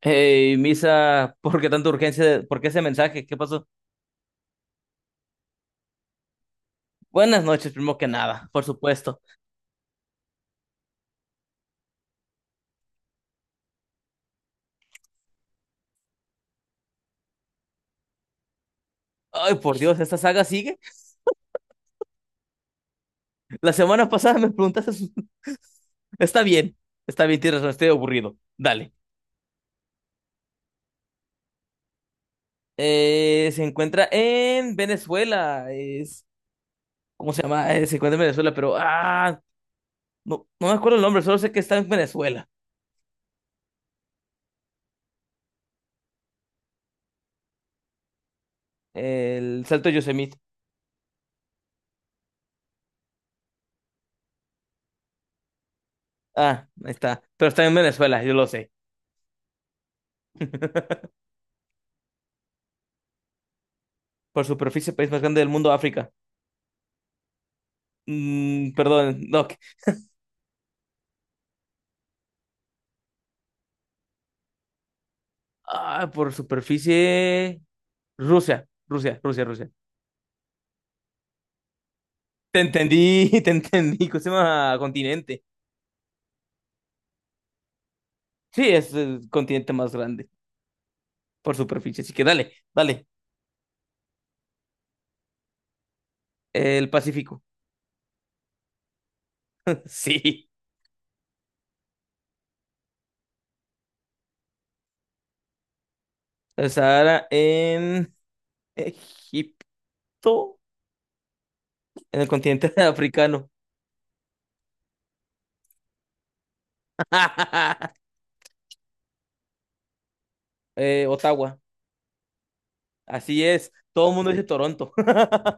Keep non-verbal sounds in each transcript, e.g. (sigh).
Hey, Misa, ¿por qué tanta urgencia? ¿Por qué ese mensaje? ¿Qué pasó? Buenas noches, primero que nada, por supuesto. Ay, por Dios, ¿esta saga sigue? La semana pasada me preguntaste. (laughs) Está bien, está bien, tienes razón, estoy aburrido. Dale. Se encuentra en Venezuela. ¿Cómo se llama? Se encuentra en Venezuela, pero no, me acuerdo el nombre, solo sé que está en Venezuela. El Salto de Yosemite. Ah, ahí está. Pero está en Venezuela, yo lo sé. (laughs) Por superficie, país más grande del mundo, África. Mm, perdón, no. Ah, por superficie. Rusia, Rusia, Rusia, Rusia. Te entendí, (laughs) te entendí. ¿Cómo se llama? Continente. Sí, es el continente más grande por superficie. Así que dale, dale. El Pacífico. (laughs) Sí. El Sahara en Egipto, en el continente (laughs) africano. (laughs) Ottawa. Así es. Todo el mundo dice Toronto. (laughs)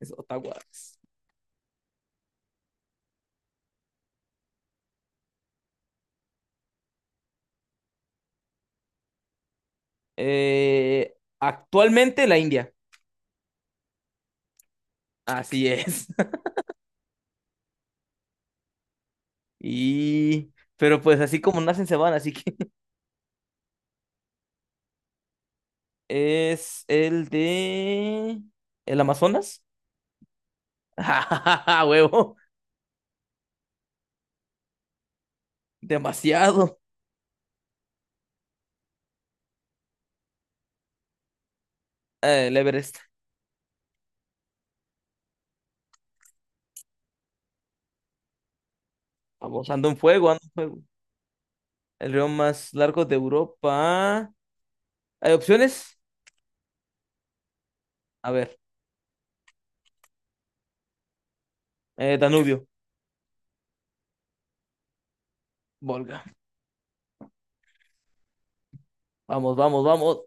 Es Ottawa. Eh, Actualmente la India. Así es. Y... Pero pues así como nacen se van, así que (laughs) es el de... ¿El Amazonas? (laughs) ¡Ah, huevo! Demasiado. El Everest. Vamos, ando en fuego, ando en fuego. El río más largo de Europa. ¿Hay opciones? A ver. Danubio. Volga. Vamos, vamos, vamos.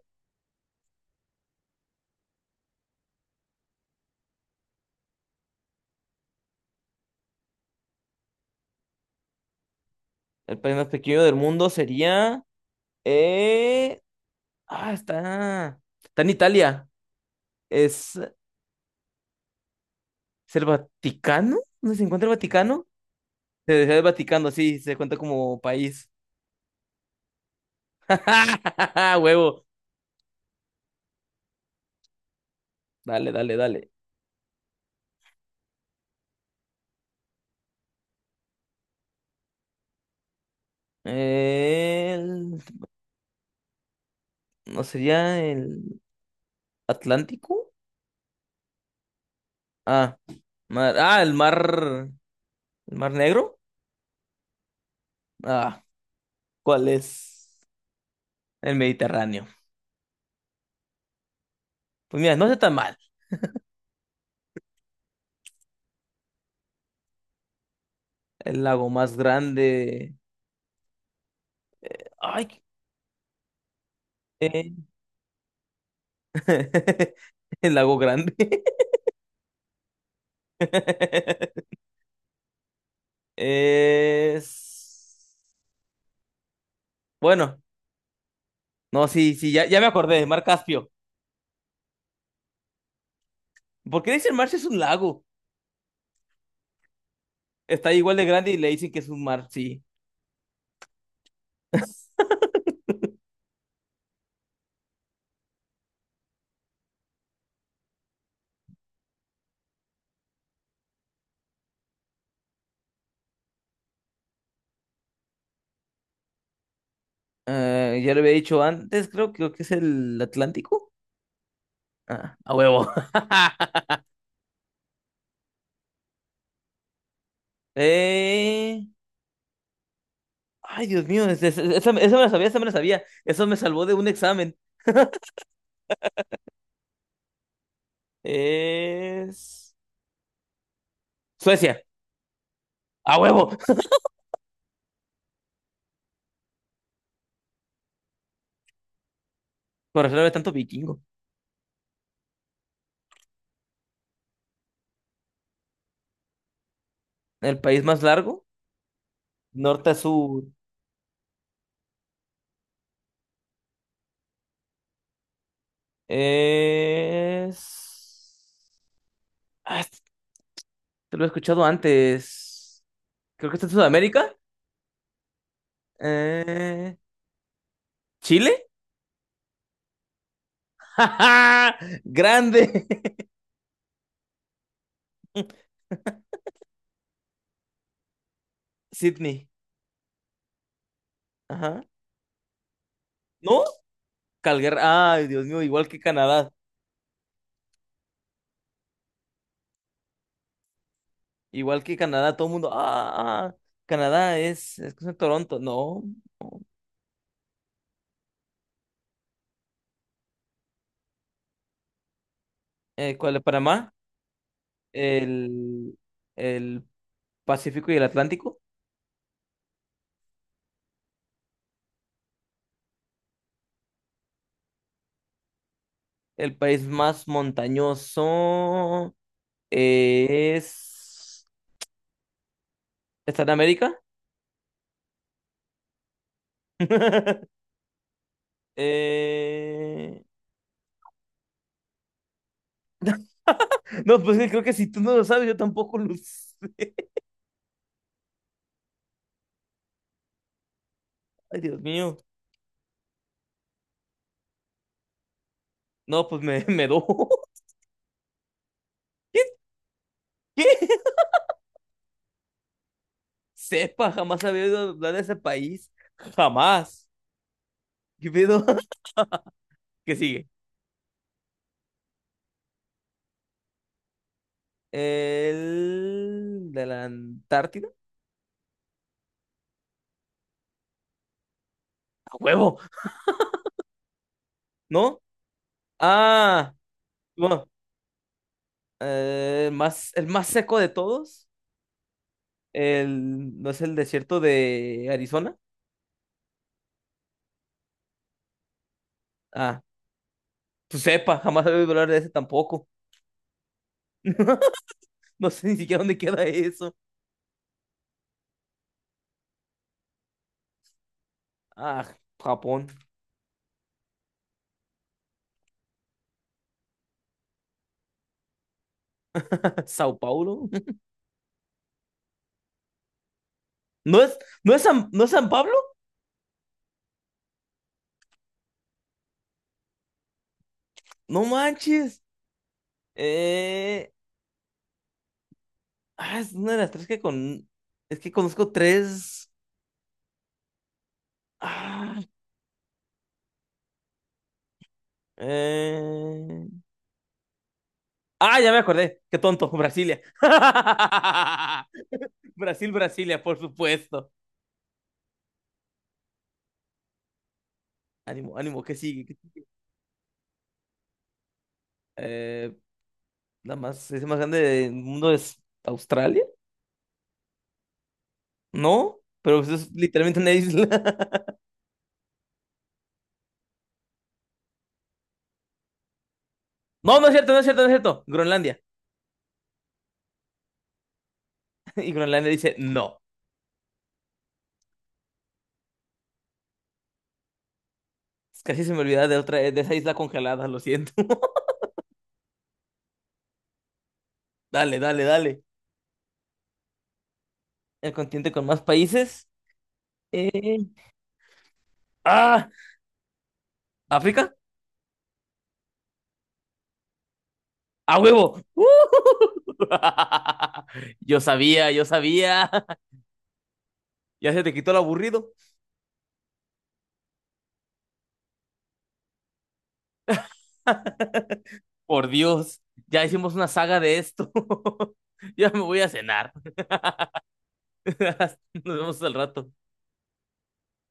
El país más pequeño del mundo sería... eh, Ah, está. Está en Italia. ¿Es, ¿Es el Vaticano? ¿Dónde se encuentra el Vaticano? Se dejó el Vaticano, sí, se cuenta como país. (laughs) Huevo. Dale, dale, dale. El- ¿No sería el Atlántico? Ah, mar... ah, el mar. ¿El mar Negro? Ah, ¿cuál es? El Mediterráneo. Pues mira, no está tan mal. El lago más grande. Ay, eh, (laughs) el lago grande. (laughs) Es. Bueno, no, sí, sí, ya, ya me acordé, Mar Caspio. ¿Por qué le dicen mar si es un lago? Está igual de grande y le dicen que es un mar, sí. Ya lo había dicho antes, creo, creo que es el Atlántico. Ah, a huevo. (laughs) Eh, Ay, Dios mío, esa, esa me la sabía, esa me la sabía. Eso me salvó de un examen. Es Suecia, a huevo. (laughs) Por eso no había tanto vikingo. El país más largo, norte a sur. Es... Ah, este- Te lo he escuchado antes. Creo que está en Sudamérica. Eh, ¿Chile? (laughs) ¡Ja, ja! Grande. (laughs) Sydney. Ajá. ¿No? Calgary. Ay, Dios mío, igual que Canadá. Igual que Canadá, todo el mundo. Canadá es cosa de Toronto. No. ¿Cuál es? Panamá. El, el Pacífico y el Atlántico. El país más montañoso es... ¿Está en América? (laughs) Eh, No, pues creo que si tú no lo sabes, yo tampoco lo (laughs) sé. Ay, Dios mío. No, pues me do. (laughs) ¿Qué? ¿Qué? Sepa, jamás había oído hablar de ese país. Jamás. ¿Qué pedo? (laughs) ¿Qué sigue? El de la Antártida. A huevo, ¿no? Ah, bueno, el más seco de todos. ¿No es el desierto de Arizona? Ah, pues sepa, jamás había oído hablar de ese tampoco. (laughs) No sé ni siquiera dónde queda eso. Ah, Japón, (laughs) Sao Paulo. ¿No es, ¿No es San Pablo? No manches. Eh, es una de las tres que con... Es que conozco tres... Ah, eh... ya me acordé. Qué tonto. Brasilia. (laughs) Brasil, Brasilia, por supuesto. Ánimo, ánimo, ¿qué sigue? ¿Qué sigue? Eh, es más grande del mundo es Australia, ¿no? Pero pues es literalmente una isla. (laughs) No, no es cierto, no es cierto, no es cierto. Groenlandia. (laughs) Y Groenlandia dice no. Casi se me olvidaba de otra, de esa isla congelada, lo siento. (laughs) Dale, dale, dale. El continente con más países. Eh, ¡Ah! ¿África? ¡A huevo! ¡Uh! (laughs) Yo sabía, yo sabía. (laughs) Ya se te quitó el aburrido. Por Dios, ya hicimos una saga de esto. (laughs) Ya me voy a cenar. (laughs) Nos vemos al rato.